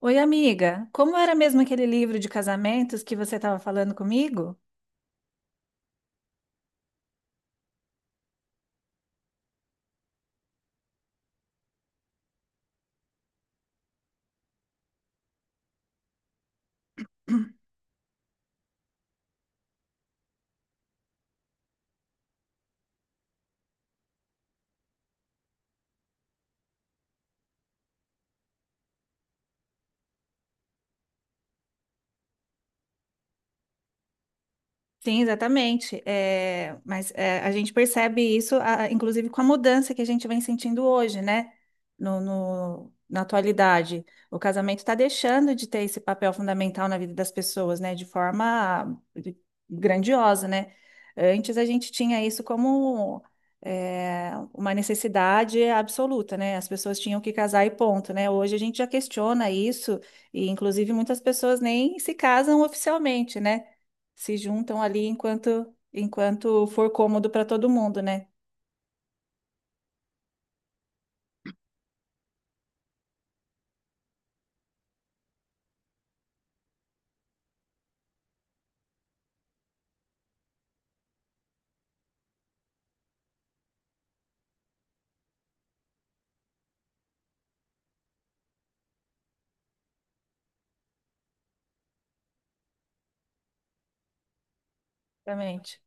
Oi, amiga. Como era mesmo aquele livro de casamentos que você estava falando comigo? Sim, exatamente. A gente percebe isso, inclusive com a mudança que a gente vem sentindo hoje, né? Na atualidade. O casamento está deixando de ter esse papel fundamental na vida das pessoas, né? De forma grandiosa, né? Antes a gente tinha isso como uma necessidade absoluta, né? As pessoas tinham que casar e ponto, né? Hoje a gente já questiona isso, e inclusive muitas pessoas nem se casam oficialmente, né? Se juntam ali enquanto for cômodo para todo mundo, né? Exatamente.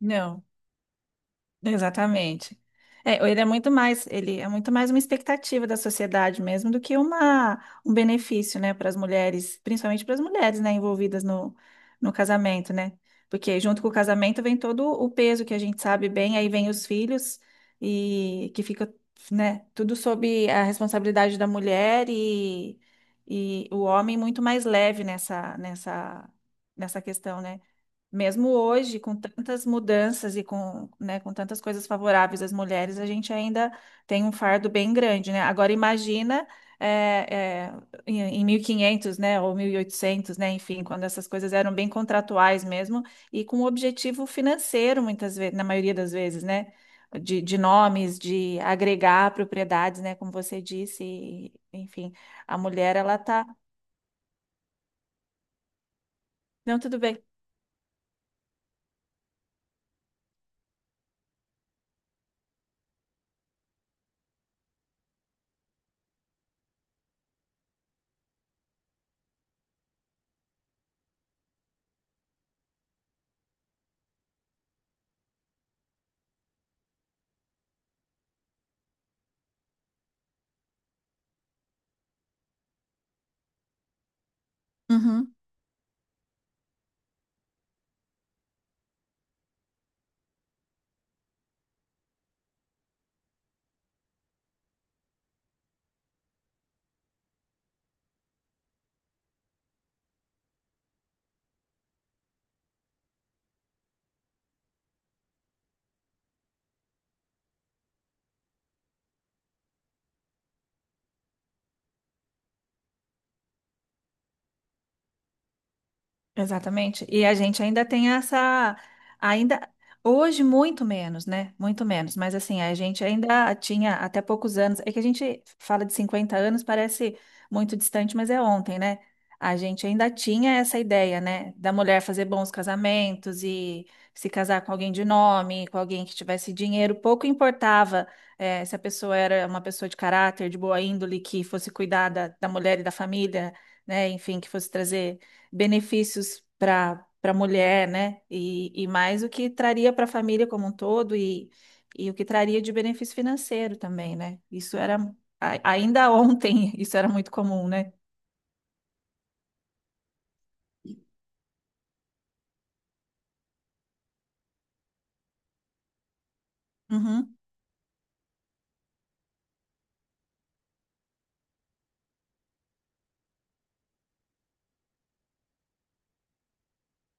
Não. Exatamente. É, ele é muito mais uma expectativa da sociedade mesmo do que um benefício, né, para as mulheres, principalmente para as mulheres, né, envolvidas no casamento, né? Porque junto com o casamento vem todo o peso que a gente sabe bem, aí vem os filhos e que fica, né, tudo sob a responsabilidade da mulher e o homem muito mais leve nessa questão, né? Mesmo hoje, com tantas mudanças e com, né, com tantas coisas favoráveis às mulheres, a gente ainda tem um fardo bem grande, né? Agora imagina é, é, em 1500, né, ou 1800, né, enfim, quando essas coisas eram bem contratuais mesmo e com um objetivo financeiro, muitas vezes, na maioria das vezes, né, de nomes, de agregar propriedades, né, como você disse, e, enfim, a mulher ela tá, não, tudo bem. Exatamente. E a gente ainda tem essa, ainda hoje muito menos, né? Muito menos, mas assim, a gente ainda tinha até poucos anos. É que a gente fala de 50 anos, parece muito distante, mas é ontem, né? A gente ainda tinha essa ideia, né, da mulher fazer bons casamentos e se casar com alguém de nome, com alguém que tivesse dinheiro, pouco importava, se a pessoa era uma pessoa de caráter, de boa índole, que fosse cuidar da mulher e da família, né, enfim, que fosse trazer benefícios para a mulher, né? E mais o que traria para a família como um todo e o que traria de benefício financeiro também, né? Isso era, ainda ontem, isso era muito comum, né? Uhum.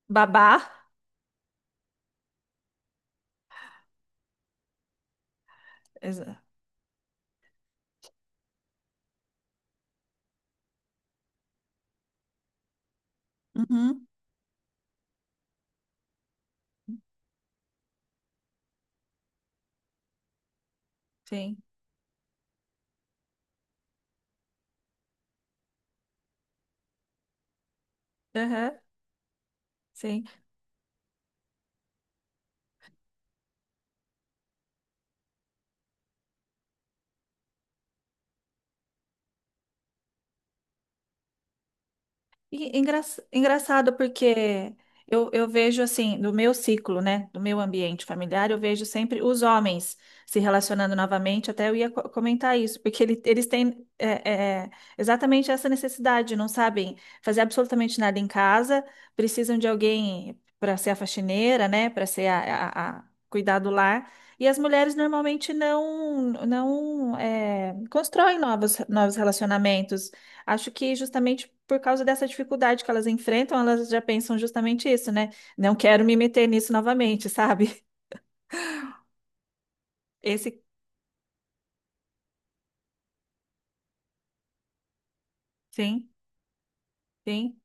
Babar. Exa- Uhum. Sim. Aham. Sim. E é engraçado porque eu vejo assim, do meu ciclo, né, do meu ambiente familiar, eu vejo sempre os homens se relacionando novamente, até eu ia comentar isso, porque eles têm é, exatamente essa necessidade, não sabem fazer absolutamente nada em casa, precisam de alguém para ser a faxineira, né, para ser cuidar do lar, e as mulheres normalmente não, não é, constroem novos relacionamentos. Acho que justamente por causa dessa dificuldade que elas enfrentam, elas já pensam justamente isso, né? Não quero me meter nisso novamente, sabe? Esse sim, sim,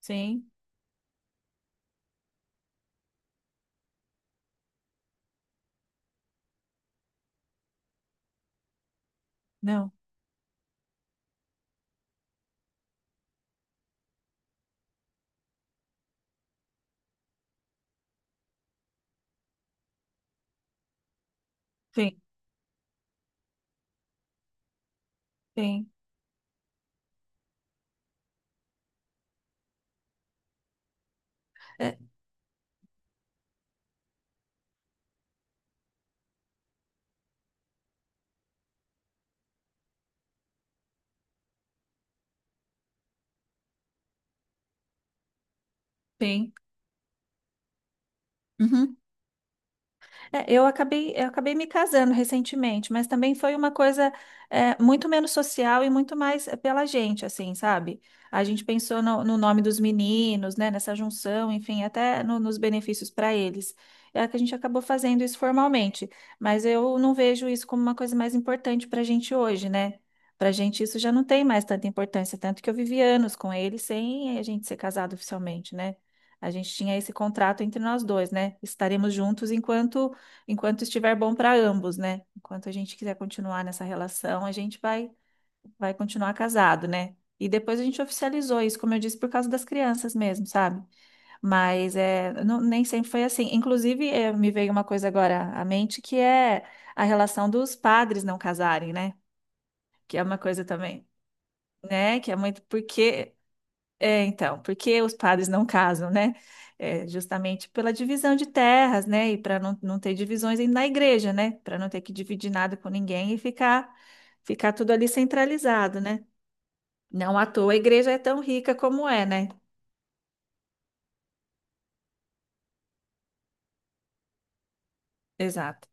sim, não, sim, sim, é, sim. Uhum. Eu acabei me casando recentemente, mas também foi uma coisa muito menos social e muito mais pela gente, assim, sabe? A gente pensou no nome dos meninos, né? Nessa junção, enfim, até nos benefícios para eles. É que a gente acabou fazendo isso formalmente, mas eu não vejo isso como uma coisa mais importante para a gente hoje, né? Para a gente isso já não tem mais tanta importância, tanto que eu vivi anos com ele sem a gente ser casado oficialmente, né? A gente tinha esse contrato entre nós dois, né? Estaremos juntos enquanto estiver bom para ambos, né? Enquanto a gente quiser continuar nessa relação, a gente vai continuar casado, né? E depois a gente oficializou isso, como eu disse, por causa das crianças mesmo, sabe? Mas é, nem sempre foi assim. Inclusive, me veio uma coisa agora à mente, que é a relação dos padres não casarem, né? Que é uma coisa também, né? Que é muito porque é, então, porque os padres não casam, né? É, justamente pela divisão de terras, né? E para não ter divisões aí na igreja, né? Para não ter que dividir nada com ninguém e ficar, ficar tudo ali centralizado, né? Não à toa a igreja é tão rica como é, né? Exato.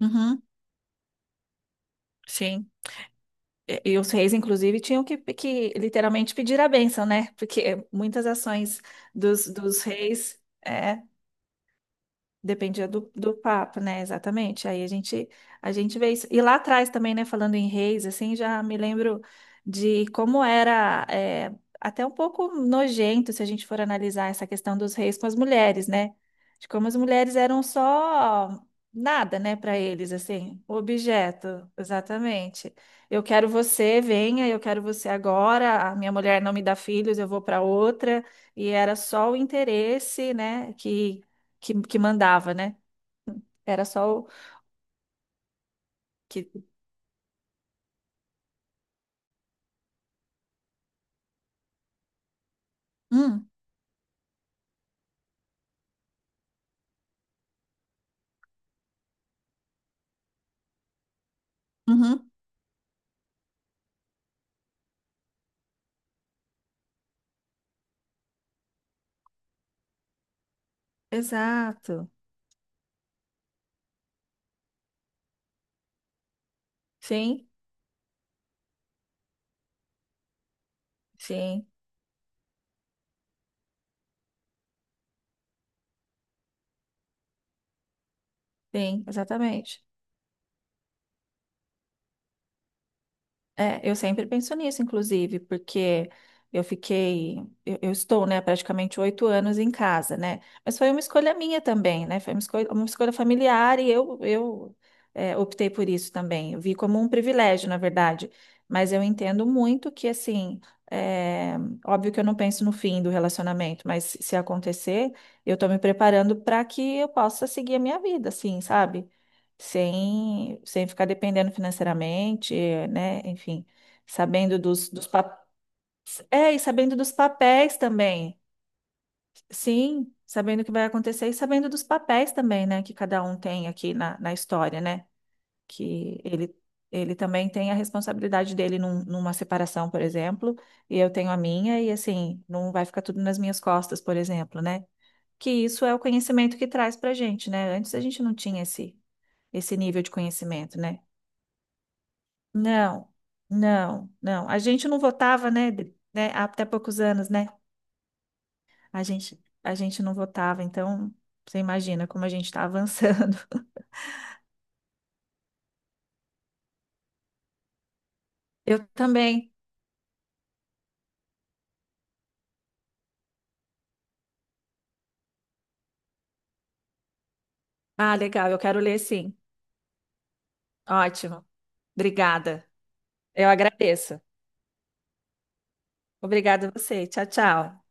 Uhum, sim. E os reis, inclusive, tinham que literalmente pedir a bênção, né? Porque muitas ações dos reis. É, dependia do papo, né? Exatamente. Aí a gente vê isso. E lá atrás também, né? Falando em reis, assim, já me lembro de como era até um pouco nojento se a gente for analisar essa questão dos reis com as mulheres, né? De como as mulheres eram só nada, né, para eles, assim, objeto. Exatamente. Eu quero você, venha, eu quero você agora. A minha mulher não me dá filhos, eu vou para outra. E era só o interesse, né? Que mandava, né? Era só o que. Hum, uhum, exato. Sim, sim, sim, exatamente. É, eu sempre penso nisso, inclusive, porque eu fiquei, eu estou, né, praticamente oito anos em casa, né? Mas foi uma escolha minha também, né? Foi uma escolha familiar e eu optei por isso também. Eu vi como um privilégio, na verdade. Mas eu entendo muito que, assim, é, óbvio que eu não penso no fim do relacionamento, mas se acontecer, eu estou me preparando para que eu possa seguir a minha vida, assim, sabe? Sem ficar dependendo financeiramente, né? Enfim, sabendo dos papéis. É, e sabendo dos papéis também. Sim, sabendo o que vai acontecer e sabendo dos papéis também, né? Que cada um tem aqui na história, né? Que ele, ele também tem a responsabilidade dele numa separação, por exemplo, e eu tenho a minha, e assim, não vai ficar tudo nas minhas costas, por exemplo, né? Que isso é o conhecimento que traz pra gente, né? Antes a gente não tinha esse, esse nível de conhecimento, né? Não, não. A gente não votava, né? Há até poucos anos, né? A gente não votava, então você imagina como a gente está avançando. Eu também. Ah, legal, eu quero ler sim. Ótimo. Obrigada. Eu agradeço. Obrigada a você. Tchau, tchau.